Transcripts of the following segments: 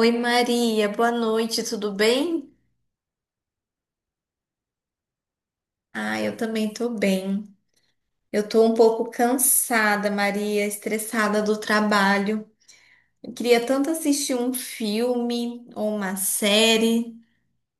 Oi Maria, boa noite, tudo bem? Ah, eu também tô bem. Eu tô um pouco cansada, Maria, estressada do trabalho. Eu queria tanto assistir um filme ou uma série.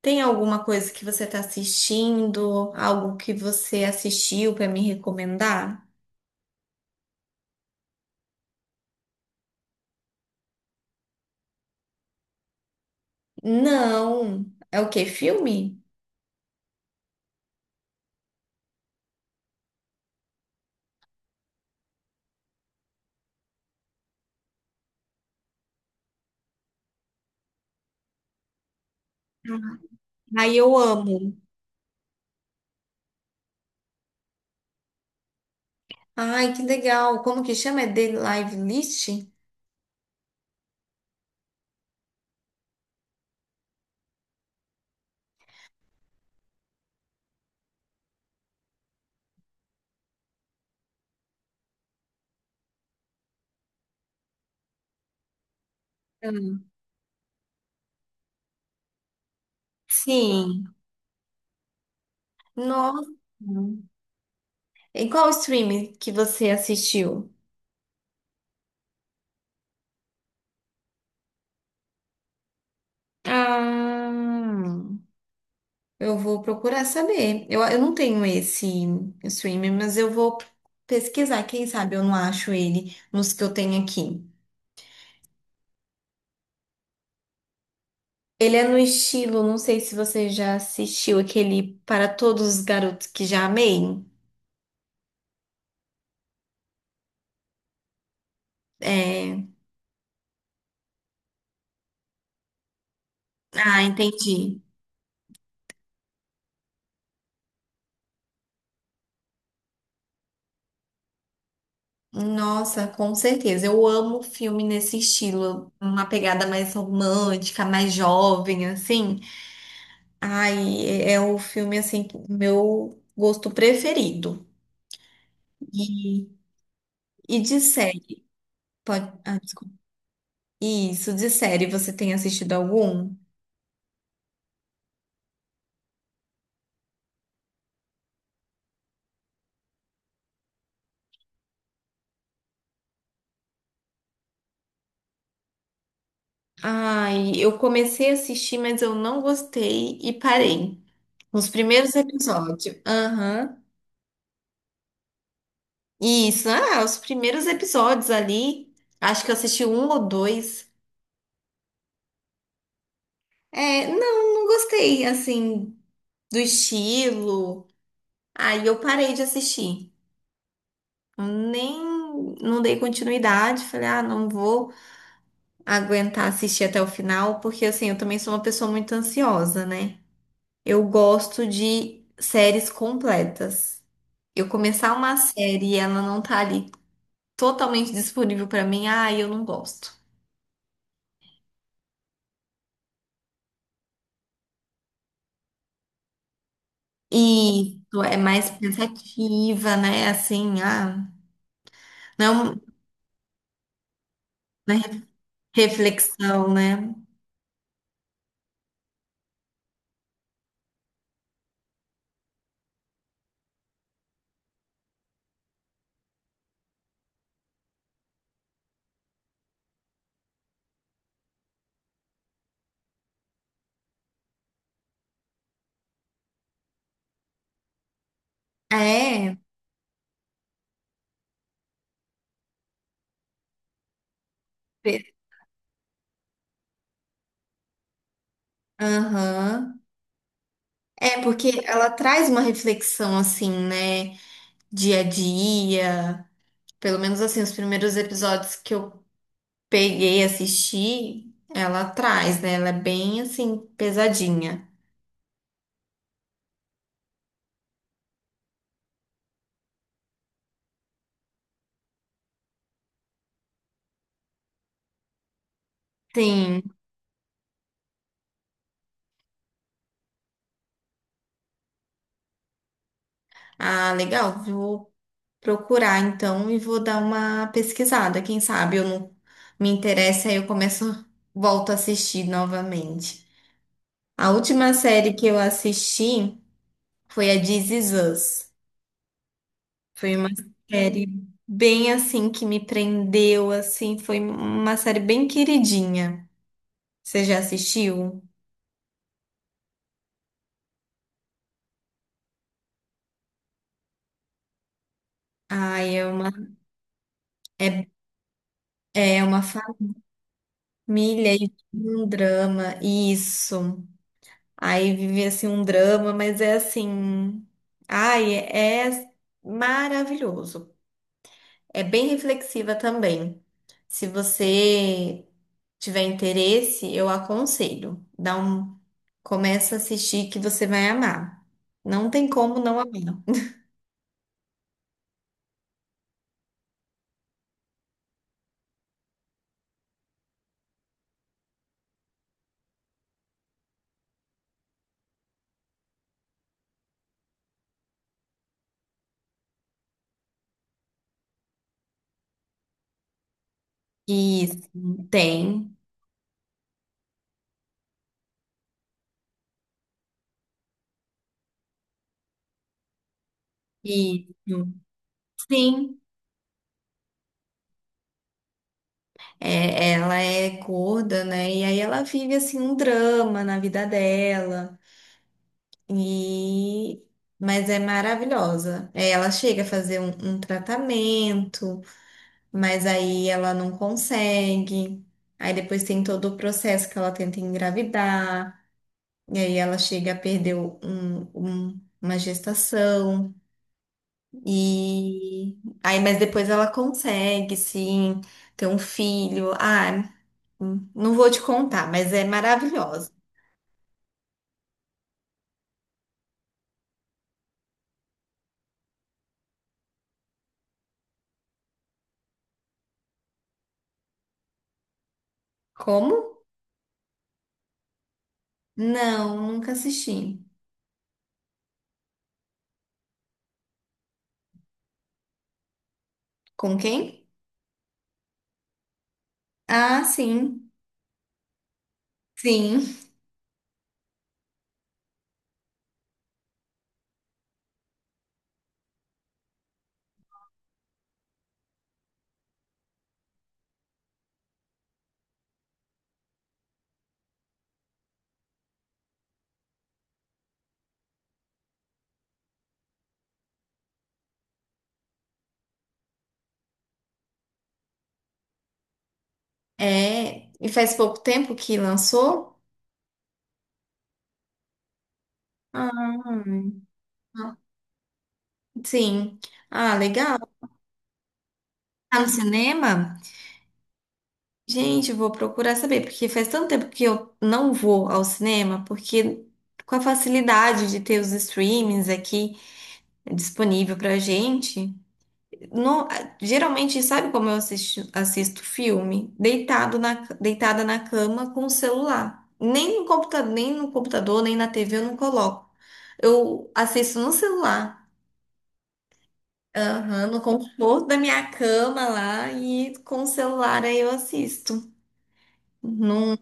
Tem alguma coisa que você tá assistindo? Algo que você assistiu pra me recomendar? Não. É o quê? Filme? Ai, eu amo. Ai, que legal. Como que chama? É The Live List? Hum. Sim. Nossa. Em qual streaming que você assistiu? Ah, eu vou procurar saber. Eu não tenho esse streaming, mas eu vou pesquisar. Quem sabe eu não acho ele nos que eu tenho aqui. Ele é no estilo, não sei se você já assistiu aquele Para Todos os Garotos que Já Amei. É... Ah, entendi. Nossa, com certeza. Eu amo filme nesse estilo, uma pegada mais romântica, mais jovem, assim. Ai, é o filme assim, que- meu gosto preferido. E, e de série, pode, ah, desculpa. Isso, de série, você tem assistido algum? Ai, eu comecei a assistir, mas eu não gostei e parei. Os primeiros episódios. Aham. Isso, ah, os primeiros episódios ali. Acho que eu assisti um ou dois. É, não gostei, assim, do estilo. Aí eu parei de assistir. Eu nem Não dei continuidade, falei, ah, não vou aguentar assistir até o final, porque assim, eu também sou uma pessoa muito ansiosa, né? Eu gosto de séries completas. Eu começar uma série e ela não tá ali totalmente disponível pra mim, ah, eu não gosto. E isso é mais pensativa, né? Assim, ah, não, né? Reflexão, né? É, pe- aham. É, porque ela traz uma reflexão assim, né? Dia a dia. Pelo menos assim, os primeiros episódios que eu peguei e assisti, ela traz, né? Ela é bem assim, pesadinha. Sim. Ah, legal. Vou procurar então e vou dar uma pesquisada. Quem sabe eu não me interessa, aí eu começo, volto a assistir novamente. A última série que eu assisti foi a This Is Us. Foi uma série bem assim que me prendeu, assim, foi uma série bem queridinha. Você já assistiu? Ai, é uma é, é uma família e um drama, isso. Aí vive assim um drama, mas é assim, ai, é, é maravilhoso. É bem reflexiva também. Se você tiver interesse, eu aconselho. Dá um, começa a assistir que você vai amar. Não tem como não amar. Isso, tem. Isso. Sim, é, ela é gorda, né? E aí ela vive assim um drama na vida dela. E mas é maravilhosa. É, ela chega a fazer um tratamento, mas aí ela não consegue. Aí depois tem todo o processo que ela tenta engravidar. E aí ela chega a perder uma gestação. E aí, mas depois ela consegue, sim, ter um filho. Ah, não vou te contar, mas é maravilhosa. Como? Não, nunca assisti. Com quem? Ah, sim. Sim. É, e faz pouco tempo que lançou? Ah, sim. Ah, legal. Tá no cinema? Gente, eu vou procurar saber, porque faz tanto tempo que eu não vou ao cinema, porque com a facilidade de ter os streamings aqui disponível pra gente, não- geralmente, sabe como eu assisto, assisto filme? Deitado na, deitada na cama com o celular. Nem no computador, nem na TV eu não coloco. Eu assisto no celular. Aham, no conforto da minha cama lá e com o celular aí eu assisto. Não,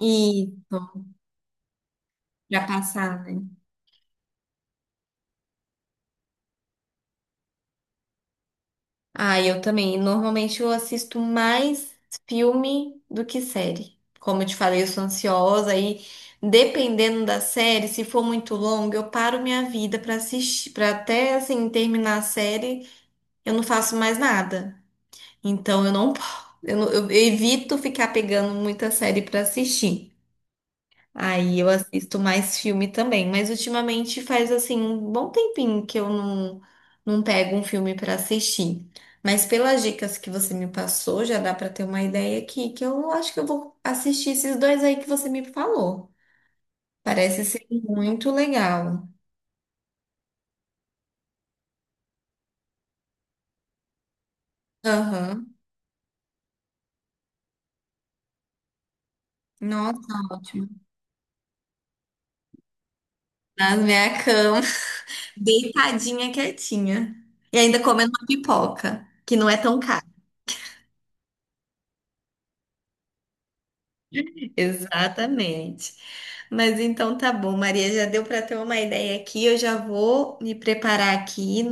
isso. Já passava. Ah, eu também. Normalmente eu assisto mais filme do que série. Como eu te falei, eu sou ansiosa e dependendo da série, se for muito longa, eu paro minha vida para assistir, para até assim terminar a série, eu não faço mais nada. Então eu não, po- eu, não- eu evito ficar pegando muita série para assistir. Aí eu assisto mais filme também, mas ultimamente faz assim um bom tempinho que eu não, não pego um filme para assistir. Mas pelas dicas que você me passou, já dá para ter uma ideia aqui, que eu acho que eu vou assistir esses dois aí que você me falou. Parece ser muito legal. Aham. Nossa, ótimo. Na minha cama, deitadinha, quietinha. E ainda comendo uma pipoca, que não é tão cara. Exatamente. Mas então tá bom, Maria, já deu para ter uma ideia aqui. Eu já vou me preparar aqui,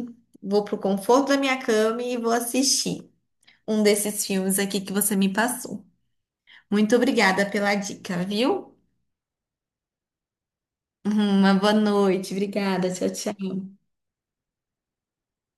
vou pro conforto da minha cama e vou assistir um desses filmes aqui que você me passou. Muito obrigada pela dica, viu? Uma boa noite. Obrigada. Tchau, tchau.